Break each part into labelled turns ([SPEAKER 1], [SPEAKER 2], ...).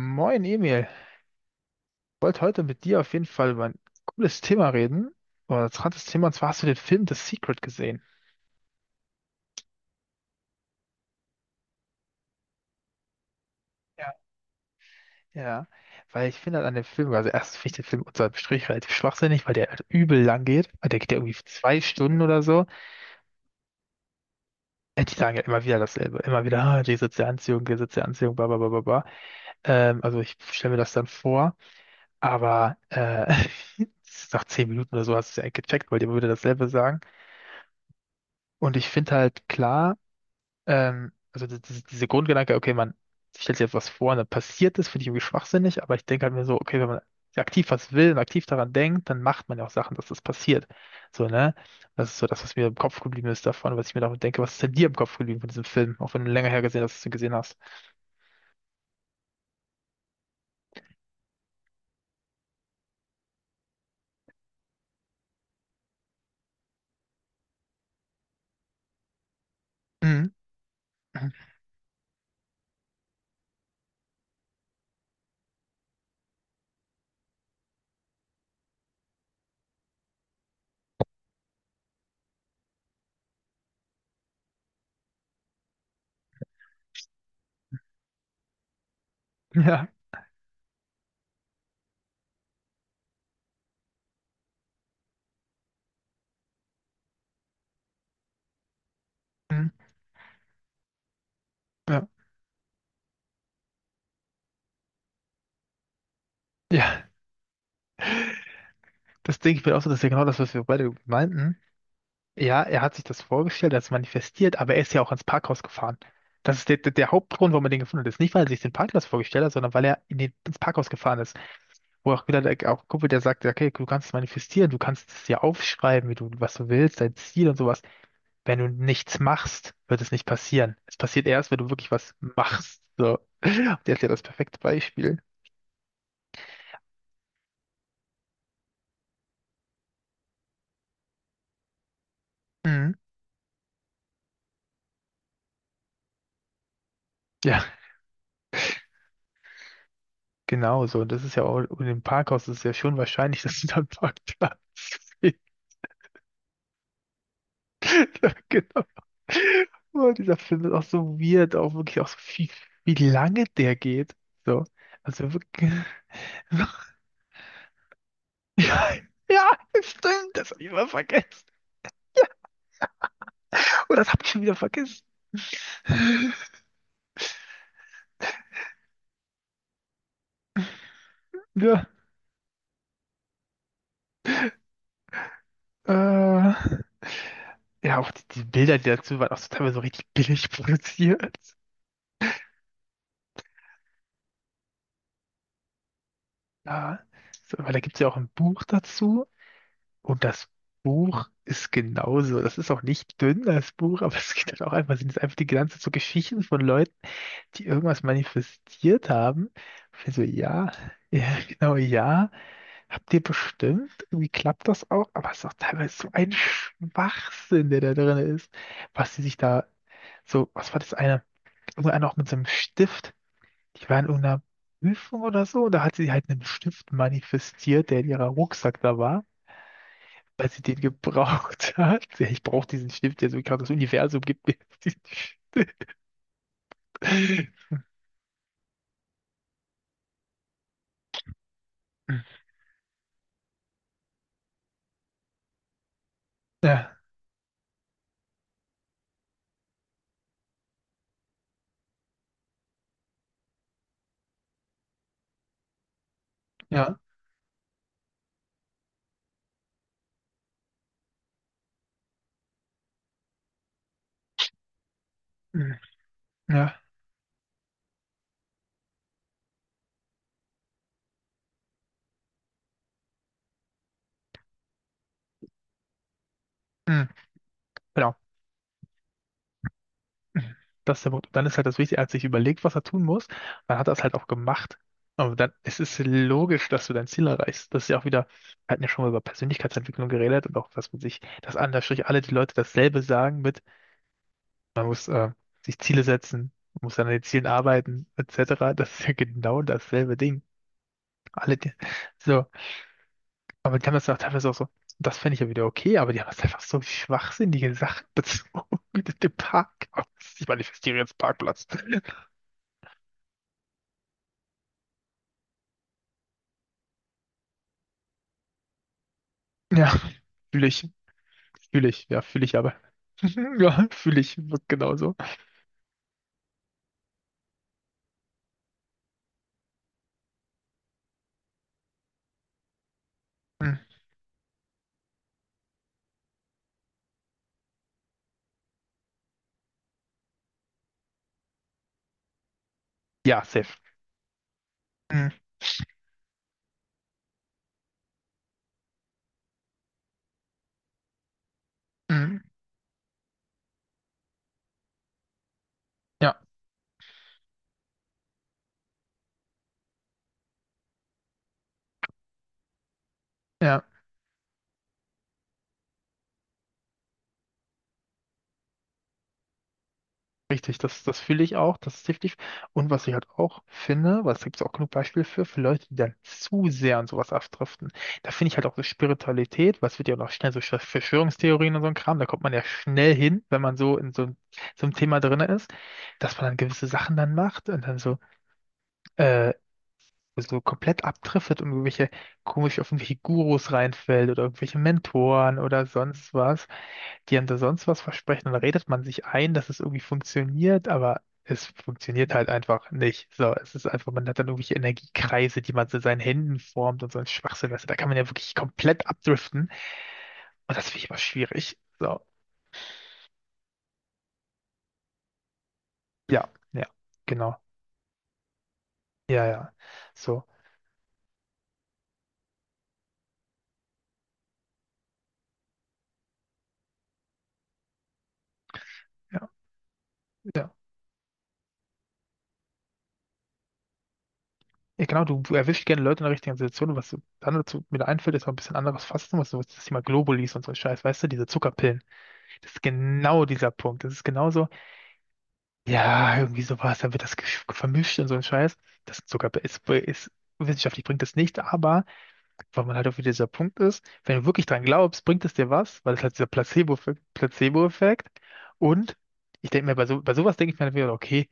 [SPEAKER 1] Moin Emil, ich wollte heute mit dir auf jeden Fall über ein cooles Thema reden, oder ein interessantes Thema, und zwar hast du den Film The Secret gesehen? Ja, ja, weil ich finde halt an dem Film, also erstens finde ich den Film unter dem Strich relativ schwachsinnig, weil der halt übel lang geht, weil der geht ja irgendwie zwei Stunden oder so. Die sagen ja immer wieder dasselbe, immer wieder, ah, die soziale Anziehung, bla bla bla bla bla. Also ich stelle mir das dann vor, aber nach zehn Minuten oder so hast du es ja eigentlich gecheckt, weil die immer wieder dasselbe sagen. Und ich finde halt klar, also diese Grundgedanke, okay, man stellt sich jetzt was vor und dann passiert das, finde ich irgendwie schwachsinnig, aber ich denke halt mir so, okay, wenn man aktiv was will und aktiv daran denkt, dann macht man ja auch Sachen, dass das passiert. So, ne? Das ist so das, was mir im Kopf geblieben ist davon, was ich mir davon denke. Was ist denn dir im Kopf geblieben von diesem Film, auch wenn du länger her gesehen hast, dass du ihn gesehen hast? Mhm. Ja. Mhm. Ja. Ja, das denke ich mir auch so, das ist ja genau das, was wir beide meinten. Ja, er hat sich das vorgestellt, er hat es manifestiert, aber er ist ja auch ans Parkhaus gefahren. Das ist der Hauptgrund, warum er den gefunden hat. Ist nicht, weil er sich den Parkplatz vorgestellt hat, sondern weil er in den, ins Parkhaus gefahren ist. Wo auch wieder der auch Kumpel, der sagt, okay, du kannst es manifestieren, du kannst es dir aufschreiben, wie du, was du willst, dein Ziel und sowas. Wenn du nichts machst, wird es nicht passieren. Es passiert erst, wenn du wirklich was machst. So. Der ist ja das perfekte Beispiel. Mhm. Ja, genau so. Und das ist ja auch, und im Parkhaus ist es ja schon wahrscheinlich, dass du dann Parkplatz ja, genau. Oh, dieser Film ist auch so weird, auch wirklich auch so viel, wie lange der geht. So. Also wirklich. Ja, ja, stimmt, das habe ich immer vergessen. Oh, das habe ich schon wieder vergessen. Ja, äh, ja, auch die Bilder, die dazu waren, auch so teilweise so richtig billig produziert. Ja, so, weil da gibt es ja auch ein Buch dazu und das Buch ist genauso. Das ist auch nicht dünn, das Buch, aber es geht halt auch einfach, sind es einfach die ganze Zeit so Geschichten von Leuten, die irgendwas manifestiert haben. Ich bin so, ja, ja, genau, ja, habt ihr bestimmt. Irgendwie klappt das auch, aber es ist auch teilweise so ein Schwachsinn, der da drin ist, was sie sich da so, was war das eine? Irgendeiner auch mit so einem Stift, die war in irgendeiner Prüfung oder so, und da hat sie halt einen Stift manifestiert, der in ihrer Rucksack da war. Weil sie den gebraucht hat. Ja, ich brauche diesen Stift, der so gerade das Universum gibt mir diesen Stift. Ja, ja, ja. Ja. Genau. Das ist der Punkt. Und dann ist halt das Wichtige, er hat sich überlegt, was er tun muss. Dann hat er es halt auch gemacht. Und dann, es ist logisch, dass du dein Ziel erreichst. Das ist ja auch wieder, wir hatten ja schon mal über Persönlichkeitsentwicklung geredet und auch, dass man sich, dass Anführungsstrich alle die Leute dasselbe sagen mit, man muss sich Ziele setzen, man muss an den Zielen arbeiten, etc. Das ist ja genau dasselbe Ding. Alle die, so, aber die haben das ja auch teilweise auch so, das fände ich ja wieder okay, aber die haben das einfach so schwachsinnige Sachen bezogen mit dem Parkhaus. Ich manifestiere jetzt Parkplatz. Ja, fühle ich. Fühle ich. Ja, fühle ich aber. Ja, fühle ich. Wird genauso. Hm. Ja, safe. Hm. Hm. Ja, ja, richtig. Das fühle ich auch. Das ist definitiv. Und was ich halt auch finde, weil es gibt auch genug Beispiele für Leute, die dann zu sehr an sowas abdriften. Da finde ich halt auch so Spiritualität, was wird ja auch noch schnell so Verschwörungstheorien und so ein Kram. Da kommt man ja schnell hin, wenn man so in so einem Thema drin ist, dass man dann gewisse Sachen dann macht und dann so. äh, so komplett abdriftet und irgendwelche komisch auf irgendwelche Gurus reinfällt oder irgendwelche Mentoren oder sonst was, die einem da sonst was versprechen, dann redet man sich ein, dass es irgendwie funktioniert, aber es funktioniert halt einfach nicht. So, es ist einfach, man hat dann irgendwelche Energiekreise, die man so in seinen Händen formt und so ein Schwachsinn, weißt du, da kann man ja wirklich komplett abdriften und das finde ich immer schwierig. So, ja, ja, genau. Ja, ja. So, ja, ja. Ja, genau, du erwischst gerne Leute in der richtigen Situation. Was dann dazu mir da einfällt, ist noch ein bisschen anderes Fasten, was sowas, das Thema Globulis und so ein Scheiß, weißt du, diese Zuckerpillen. Das ist genau dieser Punkt. Das ist genauso, ja, irgendwie sowas, dann wird das vermischt und so ein Scheiß. Das ist Zuckerpillen. Wissenschaftlich bringt das nicht, aber weil man halt auch wieder dieser Punkt ist, wenn du wirklich dran glaubst, bringt es dir was, weil es halt dieser Placebo-Effekt. Und ich denke mir, bei, so, bei sowas denke ich mir dann wieder, okay,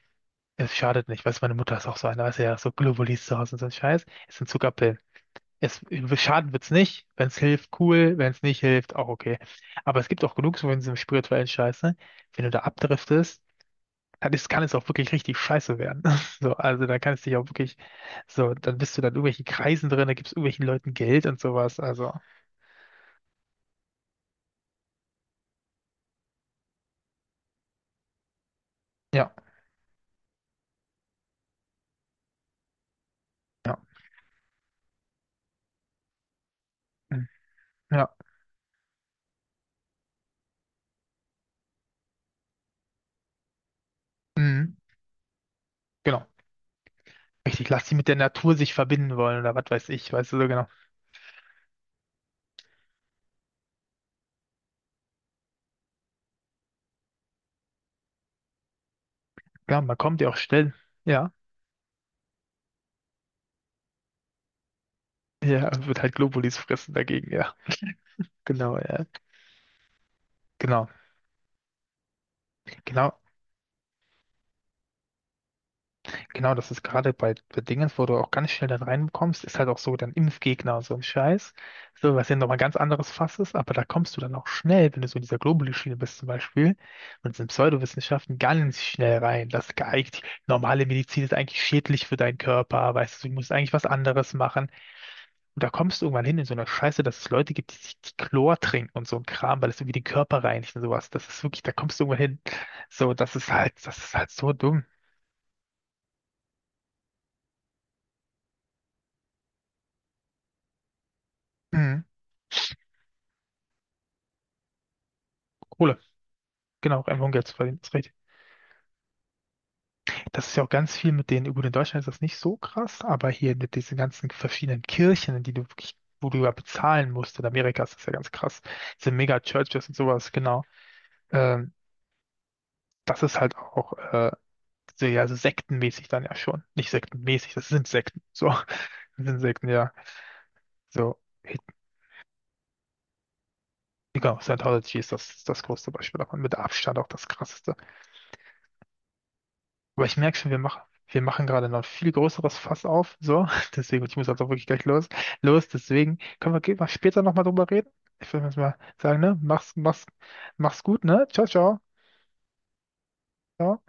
[SPEAKER 1] es schadet nicht, weißt du, meine Mutter ist auch so eine, weißt du, ja, so Globulis zu Hause und so ein Scheiß. Es sind Zuckerpillen. Es, schaden wird's nicht. Wenn's hilft, cool. Wenn's nicht hilft, auch okay. Aber es gibt auch genug so in diesem spirituellen scheiße. Wenn du da abdriftest, dann ist, kann es auch wirklich richtig scheiße werden. So, also da kann es dich auch wirklich, so, dann bist du dann in irgendwelchen Kreisen drin, da gibst irgendwelchen Leuten Geld und sowas. Also, ja, ja, mm, ja, mm, genau. Richtig, lass sie mit der Natur sich verbinden wollen oder was weiß ich, weißt du so genau. Ja, man kommt ja auch schnell, ja. Ja, wird halt Globulis fressen dagegen, ja. Genau, ja. Genau, genau. Genau, das ist gerade bei, bei Dingens, wo du auch ganz schnell dann reinkommst, ist halt auch so dann Impfgegner, und so ein Scheiß. So, was ja nochmal ganz anderes Fass ist, aber da kommst du dann auch schnell, wenn du so in dieser Globuli-Schiene bist zum Beispiel, und sind Pseudowissenschaften ganz schnell rein. Das geeignet, normale Medizin ist eigentlich schädlich für deinen Körper, weißt du, du musst eigentlich was anderes machen. Und da kommst du irgendwann hin in so einer Scheiße, dass es Leute gibt, die sich die Chlor trinken und so ein Kram, weil es irgendwie den Körper reinigt und sowas. Das ist wirklich, da kommst du irgendwann hin. So, das ist halt so dumm. Mhm. Genau, einfach um Geld zu verdienen, ist richtig. Das ist ja auch ganz viel mit denen, gut, in Deutschland ist das nicht so krass, aber hier mit diesen ganzen verschiedenen Kirchen, in die du wirklich, wo du ja bezahlen musst, in Amerika ist das ja ganz krass, diese Mega-Churches und sowas, genau. Ähm, Das ist halt auch so, ja, so sektenmäßig dann ja schon. Nicht sektenmäßig, das sind Sekten, so. Das sind Sekten, ja. So, genau, Scientology ist das, das größte Beispiel davon, mit Abstand auch das krasseste. Aber ich merke schon, wir machen gerade noch ein viel größeres Fass auf, so. Deswegen, und ich muss jetzt auch wirklich gleich los. Los, deswegen können wir gehen wir später nochmal drüber reden. Ich würde jetzt mal sagen, ne? Mach's, mach's gut, ne? Ciao, ciao. Ciao.